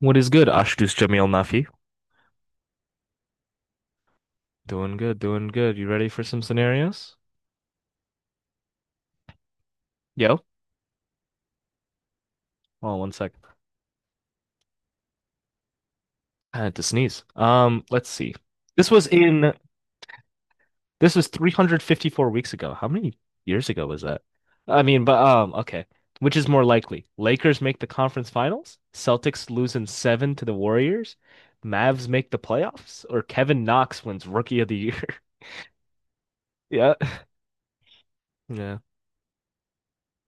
What is good, Ashdus Jamil Nafi? Doing good, doing good. You ready for some scenarios? Yo, hold on sec. I had to sneeze. Let's see. This was in this was 354 weeks ago. How many years ago was that? I mean, but okay. Which is more likely? Lakers make the conference finals, Celtics lose in seven to the Warriors, Mavs make the playoffs, or Kevin Knox wins Rookie of the Year? Yeah. Yeah.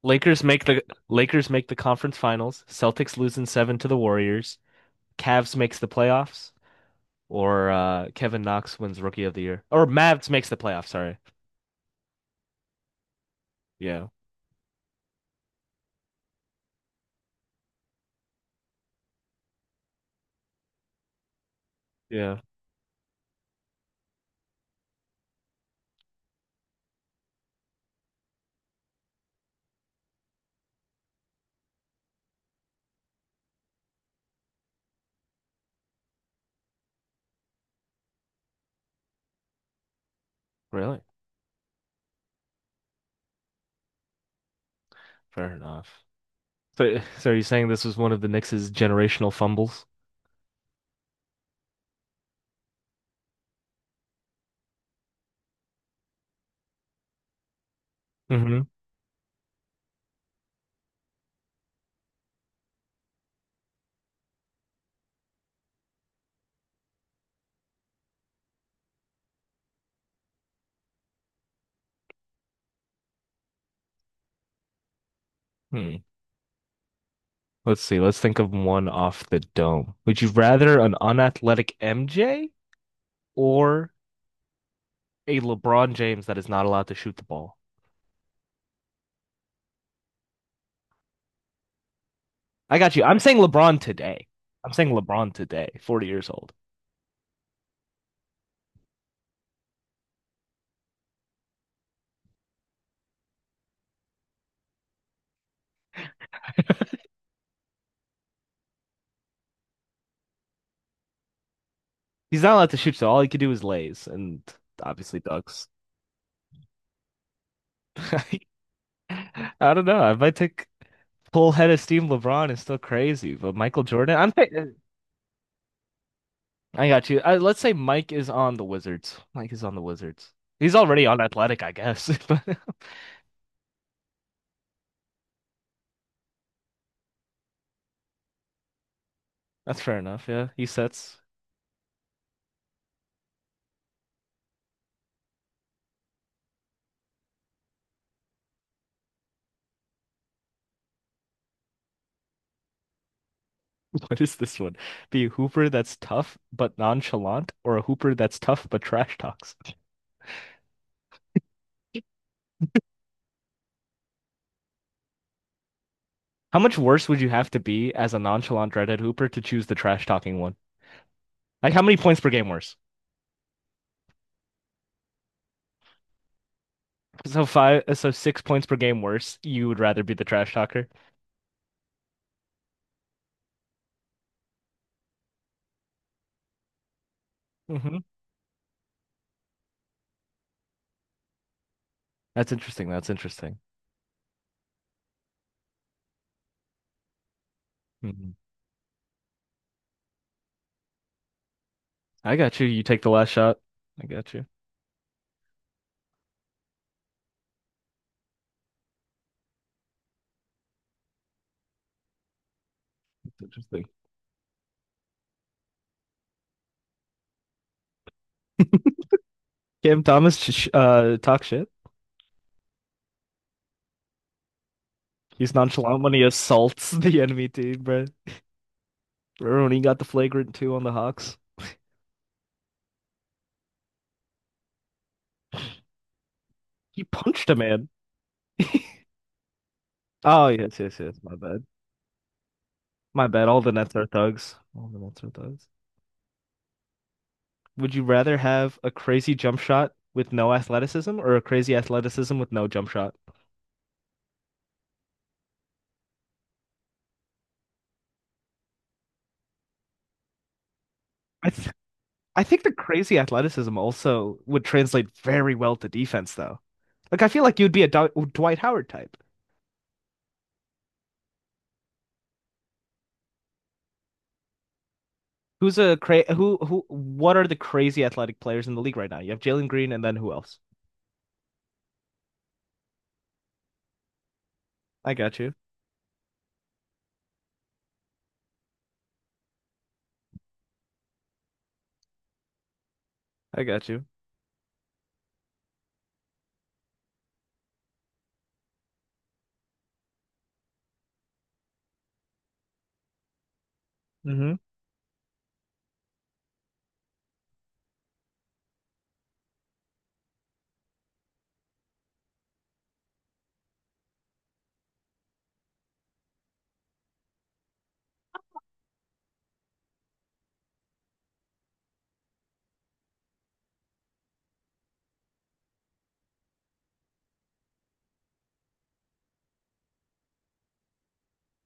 Lakers make the Lakers make the conference finals, Celtics lose in seven to the Warriors. Cavs makes the playoffs or Kevin Knox wins Rookie of the Year or Mavs makes the playoffs. Sorry. Yeah. Yeah. Really? Fair enough. So, so are you saying this was one of the Knicks' generational fumbles? Hmm. Hmm. Let's see. Let's think of one off the dome. Would you rather an unathletic MJ or a LeBron James that is not allowed to shoot the ball? I got you. I'm saying LeBron today. I'm saying LeBron today, 40 years old. He's not allowed to shoot, so all he could do is lays and obviously ducks. I don't know. I might take full head of steam. LeBron is still crazy, but Michael Jordan, I got you. Let's say Mike is on the Wizards. Mike is on the Wizards. He's already on Athletic, I guess. But that's fair enough. Yeah, he sets. What is this one? Be a hooper that's tough but nonchalant, or a hooper that's tough but trash talks. How much worse would you have to be as a nonchalant redhead hooper to choose the trash talking one? Like how many points per game worse? So five, so 6 points per game worse. You would rather be the trash talker. Mm-hmm. That's interesting. That's interesting. Mhm. I got you. You take the last shot. I got you. That's interesting. Cam Thomas sh talk shit. He's nonchalant when he assaults the enemy team, bro. Remember when he got the flagrant two on the Hawks? He punched a man. Oh yes, yes, yes. My bad. My bad. All the Nets are thugs. All the Nets are thugs. Would you rather have a crazy jump shot with no athleticism or a crazy athleticism with no jump shot? I th I think the crazy athleticism also would translate very well to defense, though. Like I feel like you'd be a Dw Dwight Howard type. Who's a cra who? What are the crazy athletic players in the league right now? You have Jalen Green, and then who else? I got you. I got you. Hmm.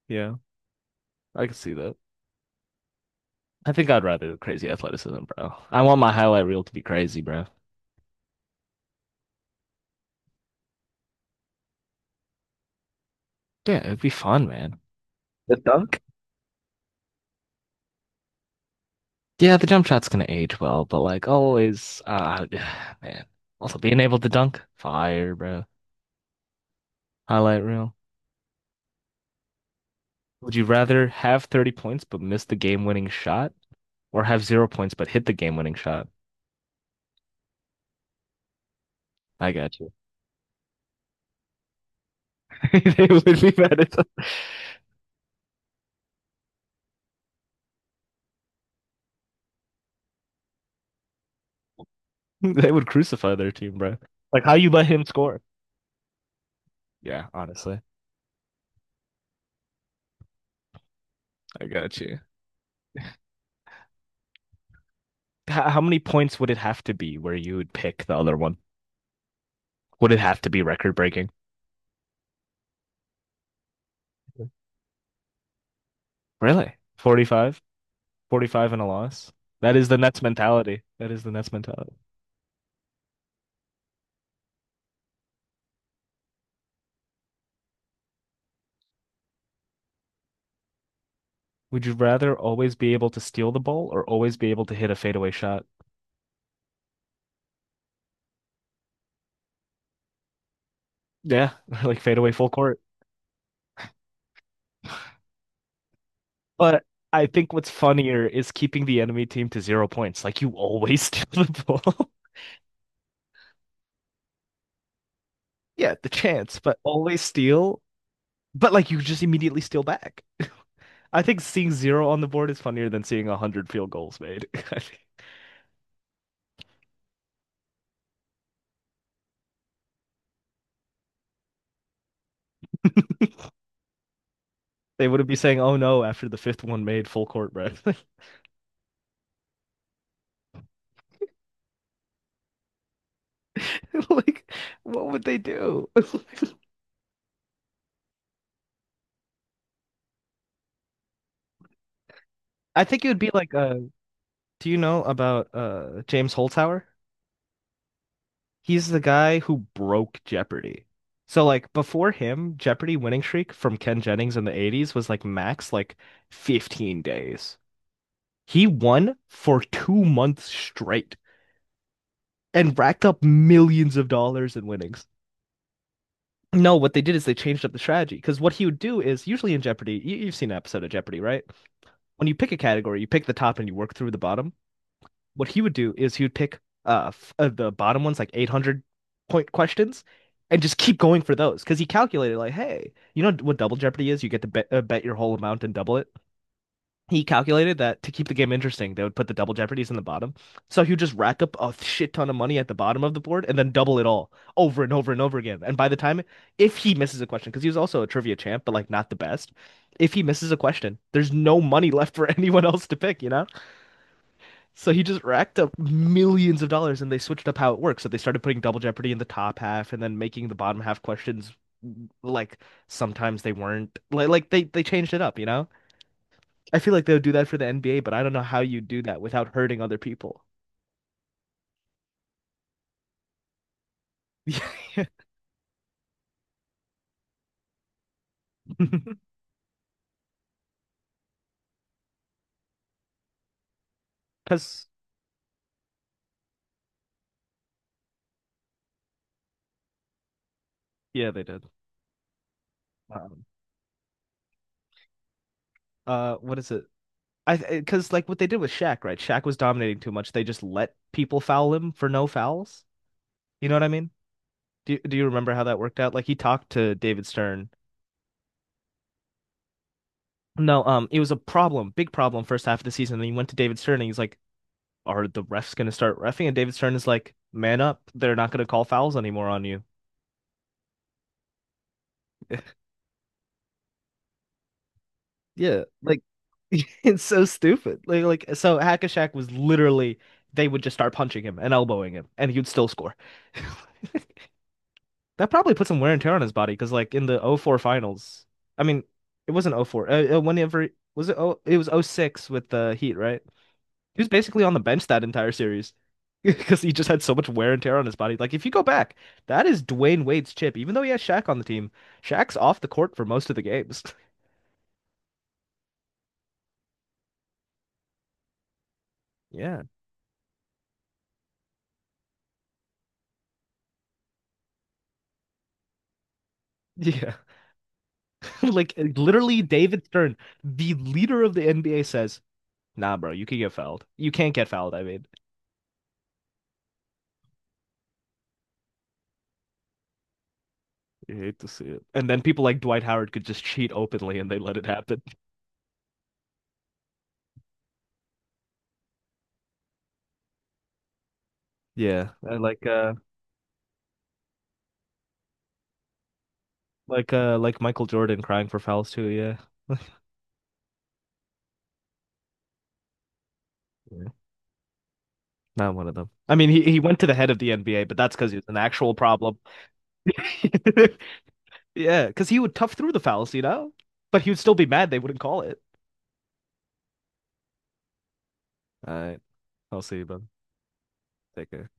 Yeah, I can see that. I think I'd rather the crazy athleticism, bro. I want my highlight reel to be crazy, bro. Yeah, it'd be fun, man. The dunk? Yeah, the jump shot's gonna age well, but like always, man. Also being able to dunk, fire, bro. Highlight reel. Would you rather have 30 points but miss the game-winning shot or have 0 points but hit the game-winning shot? I got you. They would be mad at them. They would crucify their team, bro. Like how you let him score. Yeah, honestly. I got you. How many points would it have to be where you would pick the other one? Would it have to be record-breaking? Really? 45? 45 and a loss? That is the Nets mentality. That is the Nets mentality. Would you rather always be able to steal the ball or always be able to hit a fadeaway shot? Yeah, like fadeaway full court. But I think what's funnier is keeping the enemy team to 0 points. Like you always steal the ball. Yeah, the chance, but always steal. But like you just immediately steal back. I think seeing zero on the board is funnier than seeing a hundred field goals made. They wouldn't be saying, "Oh no!" after the fifth one made full court press. Like, what would they do? I think it would be like, do you know about James Holzhauer? He's the guy who broke Jeopardy. So like before him, Jeopardy winning streak from Ken Jennings in the '80s was like max like 15 days. He won for 2 months straight and racked up millions of dollars in winnings. No, what they did is they changed up the strategy because what he would do is usually in Jeopardy, you've seen an episode of Jeopardy, right? When you pick a category, you pick the top and you work through the bottom. What he would do is he would pick the bottom ones, like 800 point questions, and just keep going for those because he calculated like, hey, you know what Double Jeopardy is? You get to bet, bet your whole amount and double it. He calculated that to keep the game interesting, they would put the Double Jeopardies in the bottom. So he would just rack up a shit ton of money at the bottom of the board and then double it all over and over and over again. And by the time, if he misses a question, because he was also a trivia champ, but like not the best, if he misses a question, there's no money left for anyone else to pick, you know? So he just racked up millions of dollars and they switched up how it works. So they started putting Double Jeopardy in the top half and then making the bottom half questions like sometimes they weren't like like they changed it up, you know? I feel like they would do that for the NBA, but I don't know how you do that without hurting other people. Because yeah, they did. Um, what is it? I because like what they did with Shaq, right? Shaq was dominating too much. They just let people foul him for no fouls. You know what I mean? Do you remember how that worked out? Like he talked to David Stern. No, it was a problem, big problem first half of the season. And he went to David Stern and he's like, are the refs gonna start refing? And David Stern is like, man up, they're not gonna call fouls anymore on you. Yeah, like it's so stupid. Like so Hackashack was literally they would just start punching him and elbowing him and he would still score. That probably put some wear and tear on his body because like in the O four finals, I mean, it wasn't oh four. Whenever was it? Oh, it was O six with the Heat, right? He was basically on the bench that entire series because he just had so much wear and tear on his body. Like, if you go back, that is Dwayne Wade's chip. Even though he has Shaq on the team, Shaq's off the court for most of the games. Yeah. Yeah. Like, literally, David Stern, the leader of the NBA, says, nah, bro, you can get fouled. You can't get fouled, I mean. You hate to see it. And then people like Dwight Howard could just cheat openly and they let it happen. Yeah. And like Michael Jordan crying for fouls too, yeah. Yeah. Not one of them. I mean, he went to the head of the NBA, but that's because he was an actual problem. Yeah, because he would tough through the fallacy now, but he would still be mad they wouldn't call it. All right. I'll see you, bud. Take care.